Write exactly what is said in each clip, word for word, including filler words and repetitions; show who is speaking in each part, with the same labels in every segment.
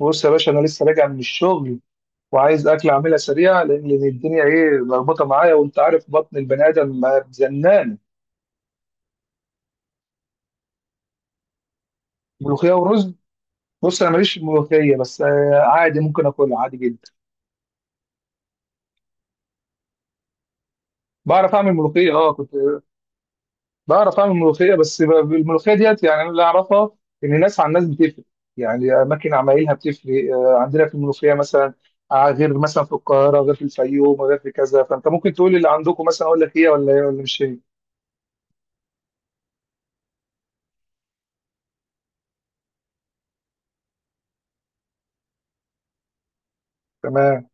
Speaker 1: بص يا باشا، انا لسه راجع من الشغل وعايز اكل اعملها سريعه لان لأن الدنيا ايه ملخبطه معايا، وانت عارف بطن البني ادم ما زنان. ملوخيه ورز. بص انا ماليش في الملوخيه، بس آه، عادي، ممكن اكلها عادي جدا. بعرف اعمل ملوخيه، اه كنت بعرف اعمل ملوخيه، بس ب- الملوخيه ديت يعني انا اللي اعرفها ان الناس عن الناس بتفرق، يعني اماكن عمايلها بتفرق. آه، عندنا في الملوخيه مثلا آه، غير مثلا في القاهره، غير في الفيوم، غير في كذا. فانت ممكن تقول اللي عندكم مثلا، اقول لك ايه ولا ايه ولا مش ايه. تمام.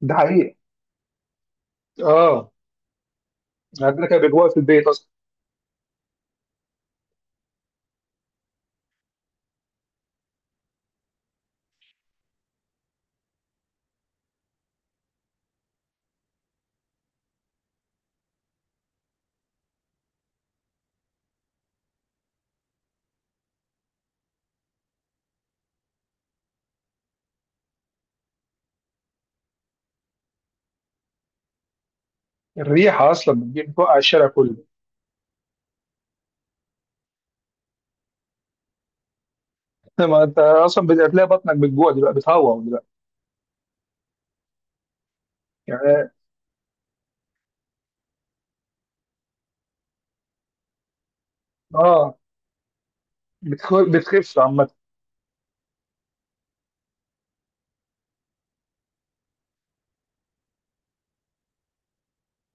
Speaker 1: ده حقيقي. اه. يعني عندنا كان بيجوع في البيت اصلا. الريحه اصلا بتجيب بتوقع الشارع كله. ما انت اصلا بتلاقي بطنك بتجوع دلوقتي، بتهوى دلوقتي. يعني اه. بتخ- بتخف عامه.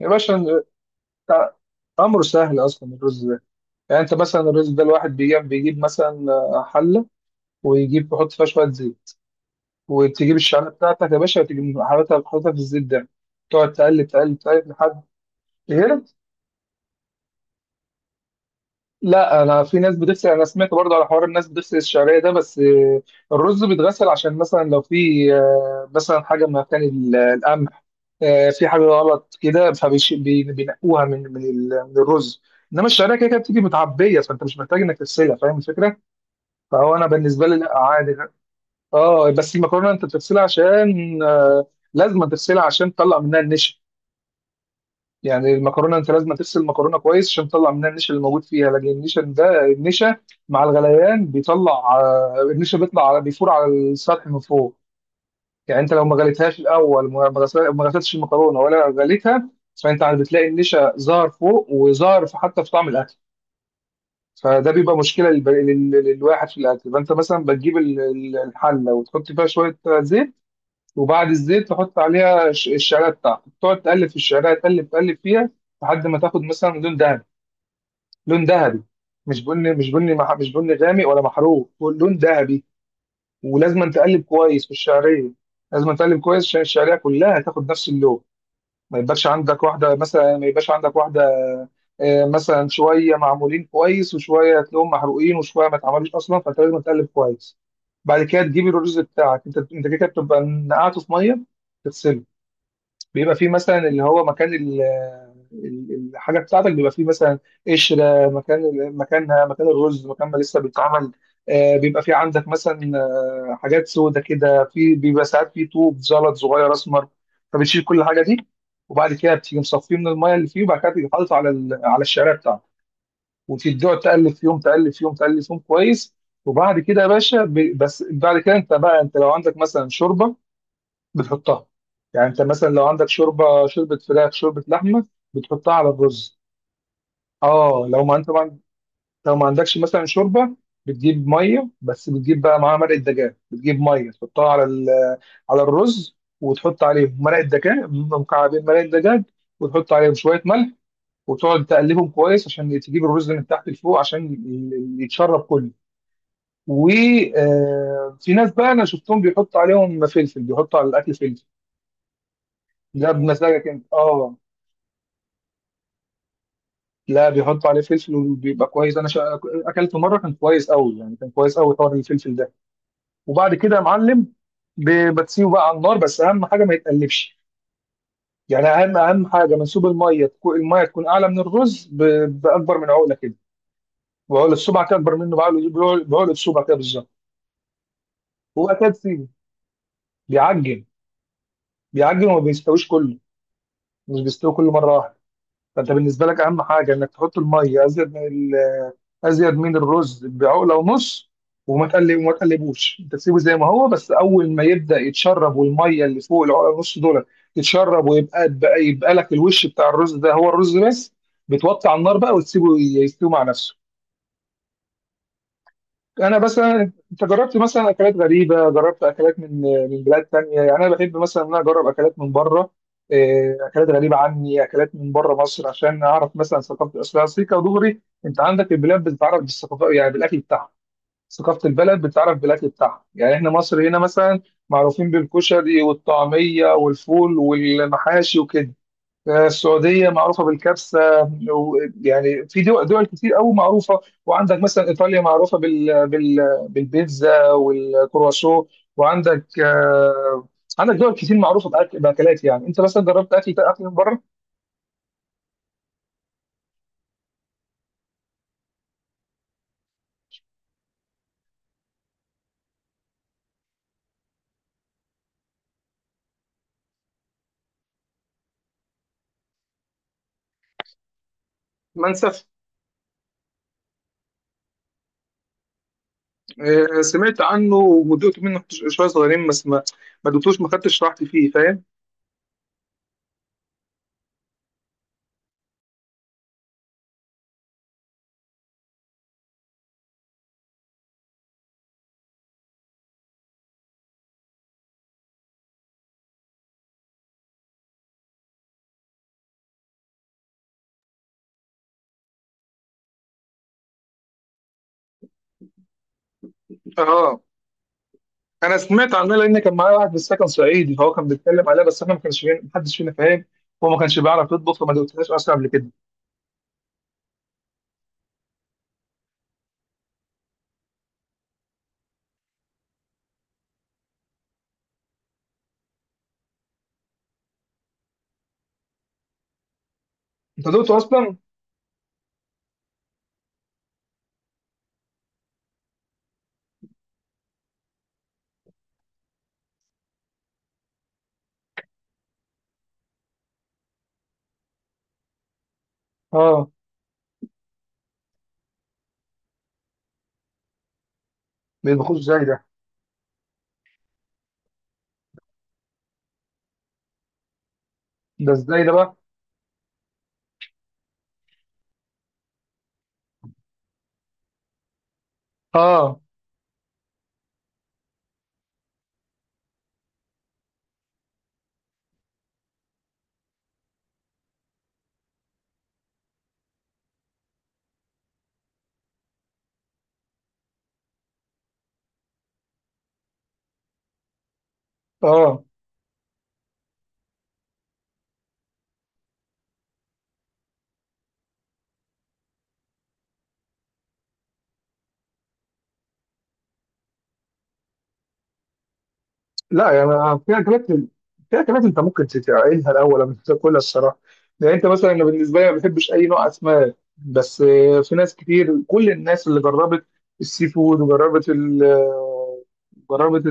Speaker 1: يا باشا، تع- امره سهل اصلا الرز ده. يعني انت مثلا الرز ده، الواحد بيجيب بيجيب مثلا آه، حله، ويجيب يحط فيها شويه زيت، وتجيب الشعريه بتاعتك يا باشا، وتجيب حاططها حاططها في الزيت ده. تقعد تقلب تقلب تقلب لحد هنا. لا، انا في ناس بتغسل، انا سمعت برضه على حوار الناس بتغسل الشعريه ده، بس آه، الرز بيتغسل عشان مثلا لو في آه، مثلا حاجه من مكان ال- القمح، آه، في حاجه غلط كده، فبينقوها من من ال- من الرز. انما الشعريه كده كده بتيجي متعبيه، فانت مش محتاج انك تغسلها، فاهم الفكره؟ فهو انا بالنسبه لي لا، عادي. اه، بس المكرونه انت بتغسلها عشان آه، لازم تغسلها عشان تطلع منها النشا. يعني المكرونه انت لازم تغسل المكرونه كويس عشان تطلع منها النشا اللي موجود فيها، لكن النشا ده النشا مع الغليان بيطلع. آه، النشا بيطلع على- بيفور على السطح من فوق. يعني انت لو ما غليتهاش الاول، ما ما غسل- ما غسلتش المكرونه ولا غليتها، فانت عاد بتلاقي النشا ظهر فوق، وظهر في- حتى في طعم الاكل. فده بيبقى مشكله للب- لل- للواحد في الاكل. فانت مثلا بتجيب ال- ال- الحله، وتحط فيها شويه زيت، وبعد الزيت تحط عليها الش- الشعريه بتاعتك، تقعد تقلب في الشعريه، تقلب تقلب فيها لحد ما تاخد مثلا لون دهبي، لون ذهبي. مش بني مش بني مح... مش بني غامق ولا محروق، لون ذهبي. ولازم تقلب كويس في الشعريه. لازم تقلب كويس عشان الشعريه كلها تاخد نفس اللون، ما يبقاش عندك واحده مثلا، ما يبقاش عندك واحده آه، مثلا شويه معمولين كويس، وشويه تلاقيهم محروقين، وشويه ما اتعملوش اصلا. فانت لازم تقلب كويس. بعد كده تجيب الرز بتاعك، انت انت كده بتبقى نقعته في ميه. بيبقى فيه مثلا اللي هو مكان ال- ال- الحاجه بتاعتك، بيبقى فيه مثلا قشره مكان ال- مكانها مكان الرز، مكان ما لسه بيتعمل. آه، بيبقى فيه عندك مثلا آه، حاجات سودة كده، في بيبقى ساعات فيه طوب زلط صغير اسمر، فبتشيل كل الحاجه دي. وبعد كده بتيجي مصفيه من الميه اللي فيه، وبعد كده تيجي حاطط على ال- على الشعريه بتاعته، وتقعد تقلب فيهم، تقلب فيهم تقلب فيهم كويس. وبعد كده يا باشا، ب- بس بعد كده انت بقى، انت لو عندك مثلا شوربه بتحطها. يعني انت مثلا لو عندك شوربه، شوربه فراخ، شوربه لحمه، بتحطها على الرز. اه، لو ما انت ما عن- لو ما عندكش مثلا شوربه، بتجيب ميه بس، بتجيب بقى معاها مرقه دجاج، بتجيب ميه تحطها على ال... على الرز، وتحط عليهم مرقه دجاج، مكعبين مرقه دجاج، وتحط عليهم شويه ملح، وتقعد تقلبهم كويس عشان تجيب الرز من تحت لفوق عشان ي- ي- يتشرب كله. وفي ناس بقى انا شفتهم بيحطوا عليهم فلفل، بيحطوا على الاكل فلفل. ده بمزاجك انت، اه. لا، بيحطوا عليه فلفل وبيبقى كويس، انا شا... اكلته مره كان كويس قوي، يعني كان كويس قوي طار الفلفل ده. وبعد كده يا معلم، ب... بتسيبه بقى على النار، بس اهم حاجه ما يتقلبش. يعني اهم اهم حاجه منسوب الميه تكون، الميه تكون اعلى من الرز ب... باكبر من عقله كده، وعقله صبع كده اكبر منه. بعقله بعقله بعقلة صبع كده بالظبط. وبعد كده تسيبه بيعجن، بيعجن وما بيستويش كله، مش بيستوي كله مره واحده. فانت بالنسبه لك اهم حاجه انك تحط الميه ازيد، ازيد من الرز بعقله ونص. وما تقلب وما تقلبوش، انت تسيبه زي ما هو، بس اول ما يبدا يتشرب والميه اللي فوق العقله ونص دول يتشرب، ويبقى يبقى, يبقى لك الوش بتاع الرز ده هو الرز بس، بتوطي على النار بقى وتسيبه يستوي مع نفسه. انا مثلا، انت جربت مثلا اكلات غريبه؟ جربت اكلات من من بلاد تانية؟ يعني انا بحب مثلا ان انا اجرب اكلات من بره، إيه، اكلات غريبه عني، اكلات من بره مصر، عشان اعرف مثلا ثقافه اصلها سيكا ودغري. انت عندك البلاد بتتعرف بالثقافه، يعني بالاكل بتاعها. ثقافة البلد بتعرف بالأكل بتاعها. يعني إحنا مصر هنا مثلا معروفين بالكشري والطعمية والفول والمحاشي وكده. السعودية معروفة بالكبسة، و- يعني في دول دول كتير أوي معروفة. وعندك مثلا إيطاليا معروفة بال بال بالبيتزا والكرواسون. وعندك آه، عندك دول كتير معروفة بأكل- بأكلات. يعني أنت مثلا جربت أكل أكل من بره؟ منسف. آه، سمعت عنه ودقت منه شوية صغيرين، بس ما ما دقتوش ما خدتش راحتي فيه، فاهم؟ اه، انا سمعت عنها، لان كان معايا واحد في السكن صعيدي فهو كان بيتكلم عليها، بس احنا ما كانش فينا، محدش فينا فاهم، هو ما كانش بيعرف يطبخ، فما دقتهاش اصلا قبل كده. انت دقته اصلا؟ اه. ما بيطبخوش ازاي ده؟ ده ازاي ده بقى؟ اه. اه. لا، يعني في اكلات، في اكلات انت ممكن تتعقلها الاول قبل ما تاكلها الصراحه. يعني انت مثلا، أنا بالنسبه لي ما بحبش اي نوع اسماك، بس آه، في ناس كتير، كل الناس اللي جربت السي فود وجربت ال جربت.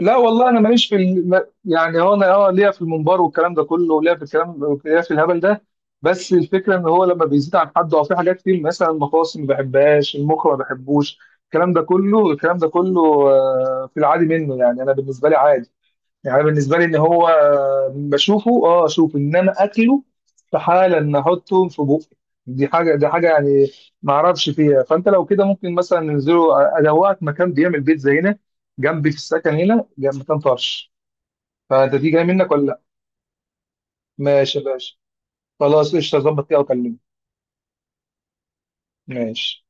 Speaker 1: لا والله انا ماليش في ال... ما- يعني هو انا، اه، ليا في المنبر والكلام ده كله، وليا في الكلام، ليا في الهبل ده. بس الفكره ان هو لما بيزيد عن حد، او في حاجات كتير مثلا المخاصم ما بحبهاش، المخ ما بحبوش، الكلام ده كله الكلام ده كله آه، في العادي منه يعني انا بالنسبه لي عادي. يعني أنا بالنسبه لي ان هو بشوفه، اه اشوفه، انما اكله استحاله ان احطه في بوقي. دي حاجه دي حاجه يعني ما اعرفش فيها. فانت لو كده ممكن مثلا ننزله، ادوقك مكان بيعمل بيتزا هنا جنبي في السكن، هنا جنب مكان طرش. فانت دي جاي منك ولا لا؟ ماشي يا باشا. خلاص، قشطه، ظبط كده وكلمني. ماشي.